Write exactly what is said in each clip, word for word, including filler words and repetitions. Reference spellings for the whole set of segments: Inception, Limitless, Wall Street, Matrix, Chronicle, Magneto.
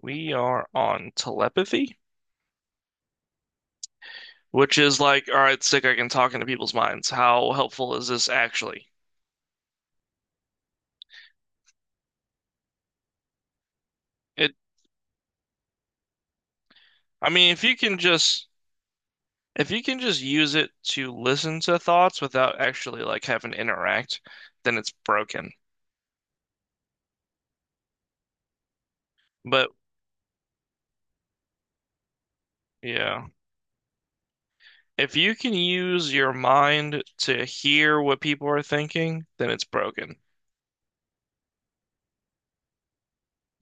We are on telepathy, which is like, all right, sick, I can talk into people's minds. How helpful is this actually? It, I mean, if you can just if you can just use it to listen to thoughts without actually like having to interact, then it's broken. But yeah, if you can use your mind to hear what people are thinking, then it's broken.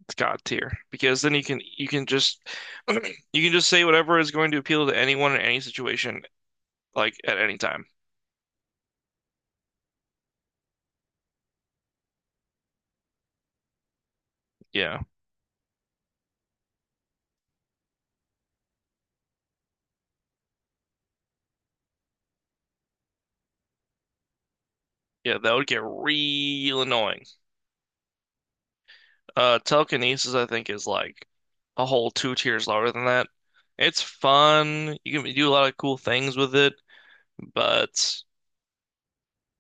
It's God tier because then you can you can just you can just say whatever is going to appeal to anyone in any situation, like at any time. Yeah. Yeah, that would get real annoying. Uh, telekinesis, I think, is like a whole two tiers lower than that. It's fun. You can do a lot of cool things with it, but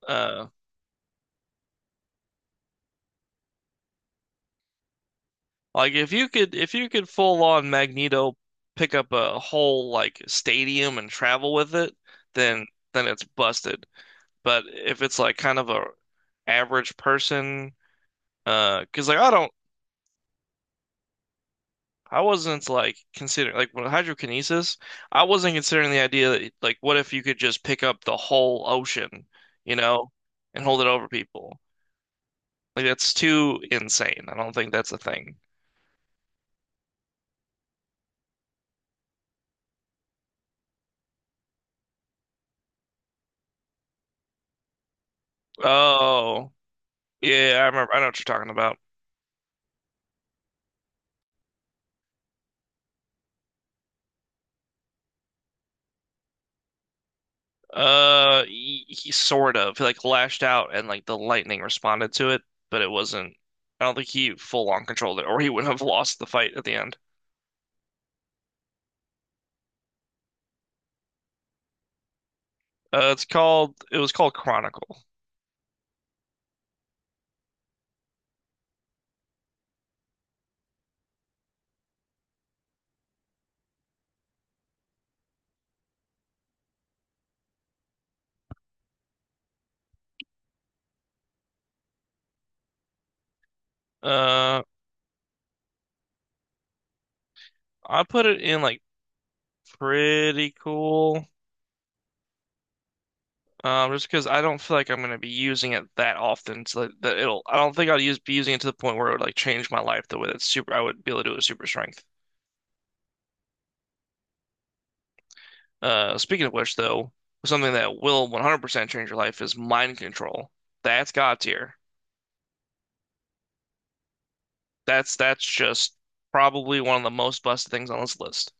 uh, like if you could, if you could full on Magneto pick up a whole like stadium and travel with it, then then it's busted. But if it's like kind of a average person, uh, because like I don't. I wasn't like considering like when hydrokinesis, I wasn't considering the idea that like what if you could just pick up the whole ocean, you know, and hold it over people. Like that's too insane. I don't think that's a thing. Oh, yeah, I remember. I know what you're talking about. Uh, he, he sort of he, like lashed out and like the lightning responded to it, but it wasn't. I don't think he full on controlled it, or he would have lost the fight at the end. Uh, it's called. It was called Chronicle. Uh, I put it in like pretty cool. Um, just because I don't feel like I'm gonna be using it that often, so that, that it'll. I don't think I'll use be using it to the point where it would like change my life the way that's super. I would be able to do it with super strength. Uh, speaking of which, though, something that will one hundred percent change your life is mind control. That's God tier. That's that's just probably one of the most busted things on this list.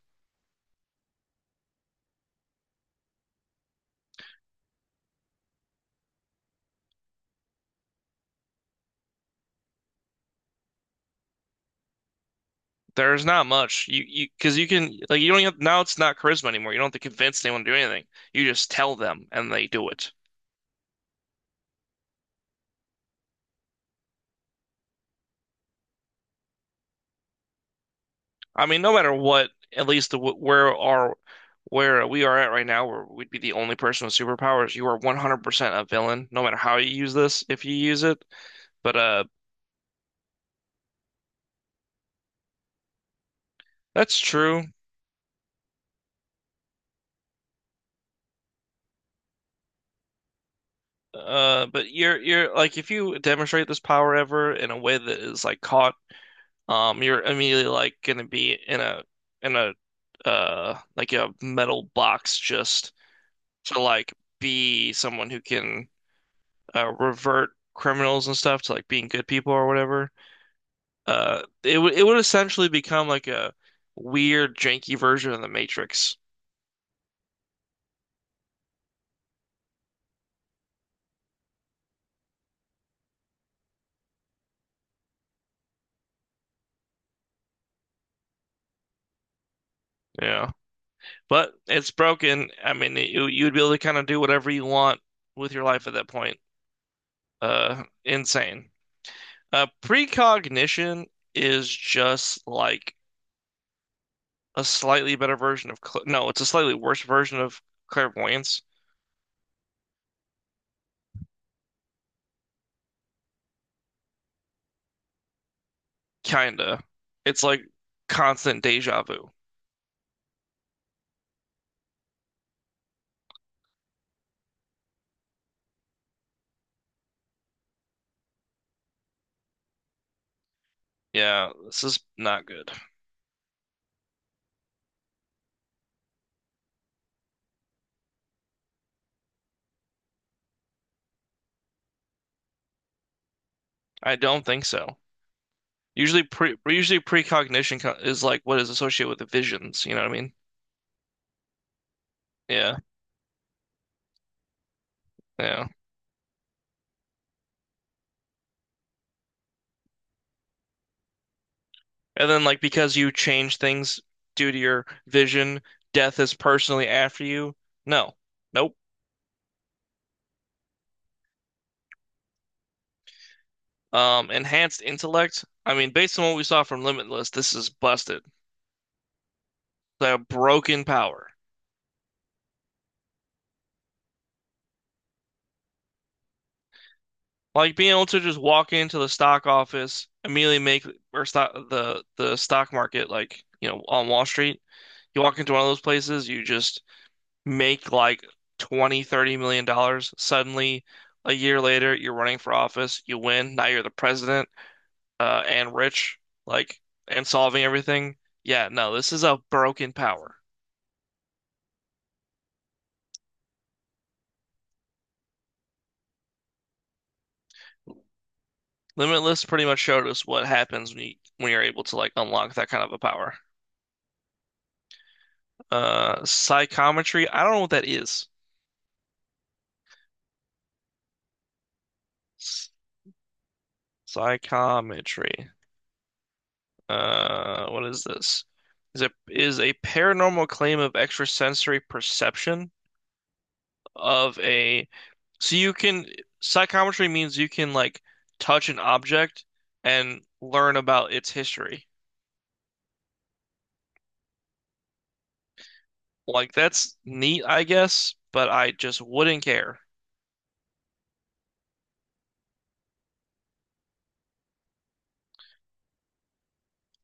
There's not much you you because you can like you don't have, now it's not charisma anymore. You don't have to convince anyone to do anything. You just tell them and they do it. I mean, no matter what, at least the, where are where we are at right now, where we'd be the only person with superpowers, you are one hundred percent a villain, no matter how you use this, if you use it. But uh, that's true. Uh, but you're you're like if you demonstrate this power ever in a way that is like caught, um, you're immediately like gonna be in a in a uh like a metal box just to like be someone who can uh revert criminals and stuff to like being good people or whatever. Uh, it would it would essentially become like a weird, janky version of the Matrix. Yeah, but it's broken. I mean, you you'd be able to kind of do whatever you want with your life at that point. Uh, insane. Uh, precognition is just like a slightly better version of cl no, it's a slightly worse version of clairvoyance. Kinda. It's like constant deja vu. Yeah, this is not good. I don't think so. Usually pre usually precognition co- is like what is associated with the visions, you know what I mean? Yeah, yeah. And then like because you change things due to your vision, death is personally after you. No. Nope. Um, enhanced intellect. I mean, based on what we saw from Limitless, this is busted. They have broken power. Like being able to just walk into the stock office, immediately make or stock the the stock market, like, you know, on Wall Street. You walk into one of those places, you just make like twenty, thirty million dollars. Suddenly, a year later, you're running for office, you win, now you're the president, uh, and rich, like, and solving everything. Yeah, no, this is a broken power. Limitless pretty much showed us what happens when you when you're able to like unlock that kind of a power. Uh, psychometry, I don't know what that is. S- Psychometry. Uh, what is this? Is it is a paranormal claim of extrasensory perception of a So you can psychometry means you can like touch an object and learn about its history. Like that's neat, I guess, but I just wouldn't care.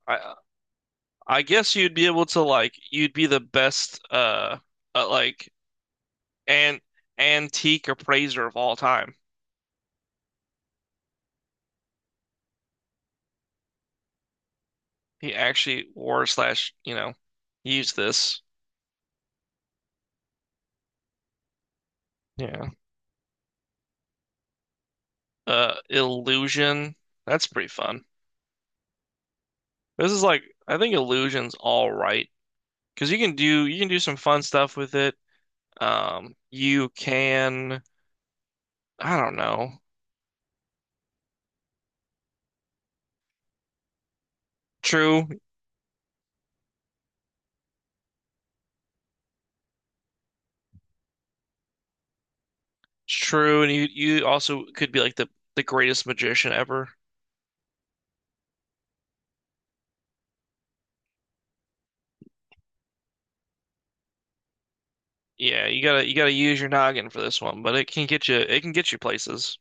I I guess you'd be able to like you'd be the best uh, uh like an antique appraiser of all time. He actually wore slash, you know, used this. Yeah. Uh illusion. That's pretty fun. This is like I think illusion's all right. Because you can do you can do some fun stuff with it. Um, you can I don't know. True, it's true, and you you also could be like the the greatest magician ever. Yeah, you gotta you gotta use your noggin for this one, but it can get you it can get you places.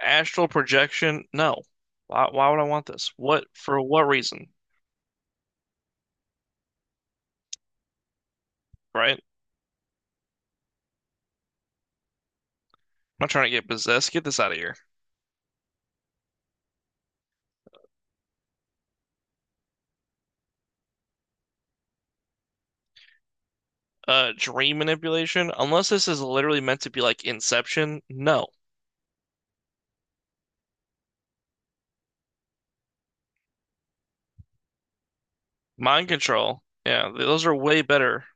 Astral projection? No. Why why would I want this? What for what reason? Right? I'm not trying to get possessed. Get this out of here. Uh, dream manipulation? Unless this is literally meant to be like Inception, no. Mind control? Yeah, those are way better.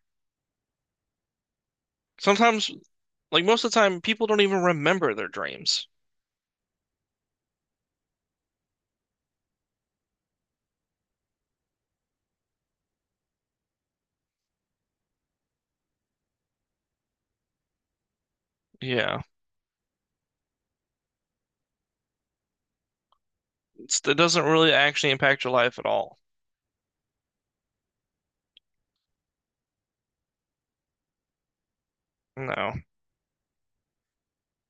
Sometimes, like most of the time, people don't even remember their dreams. Yeah, it's, it doesn't really actually impact your life at all. No.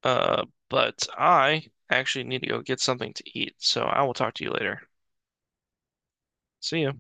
Uh, but I actually need to go get something to eat, so I will talk to you later. See ya.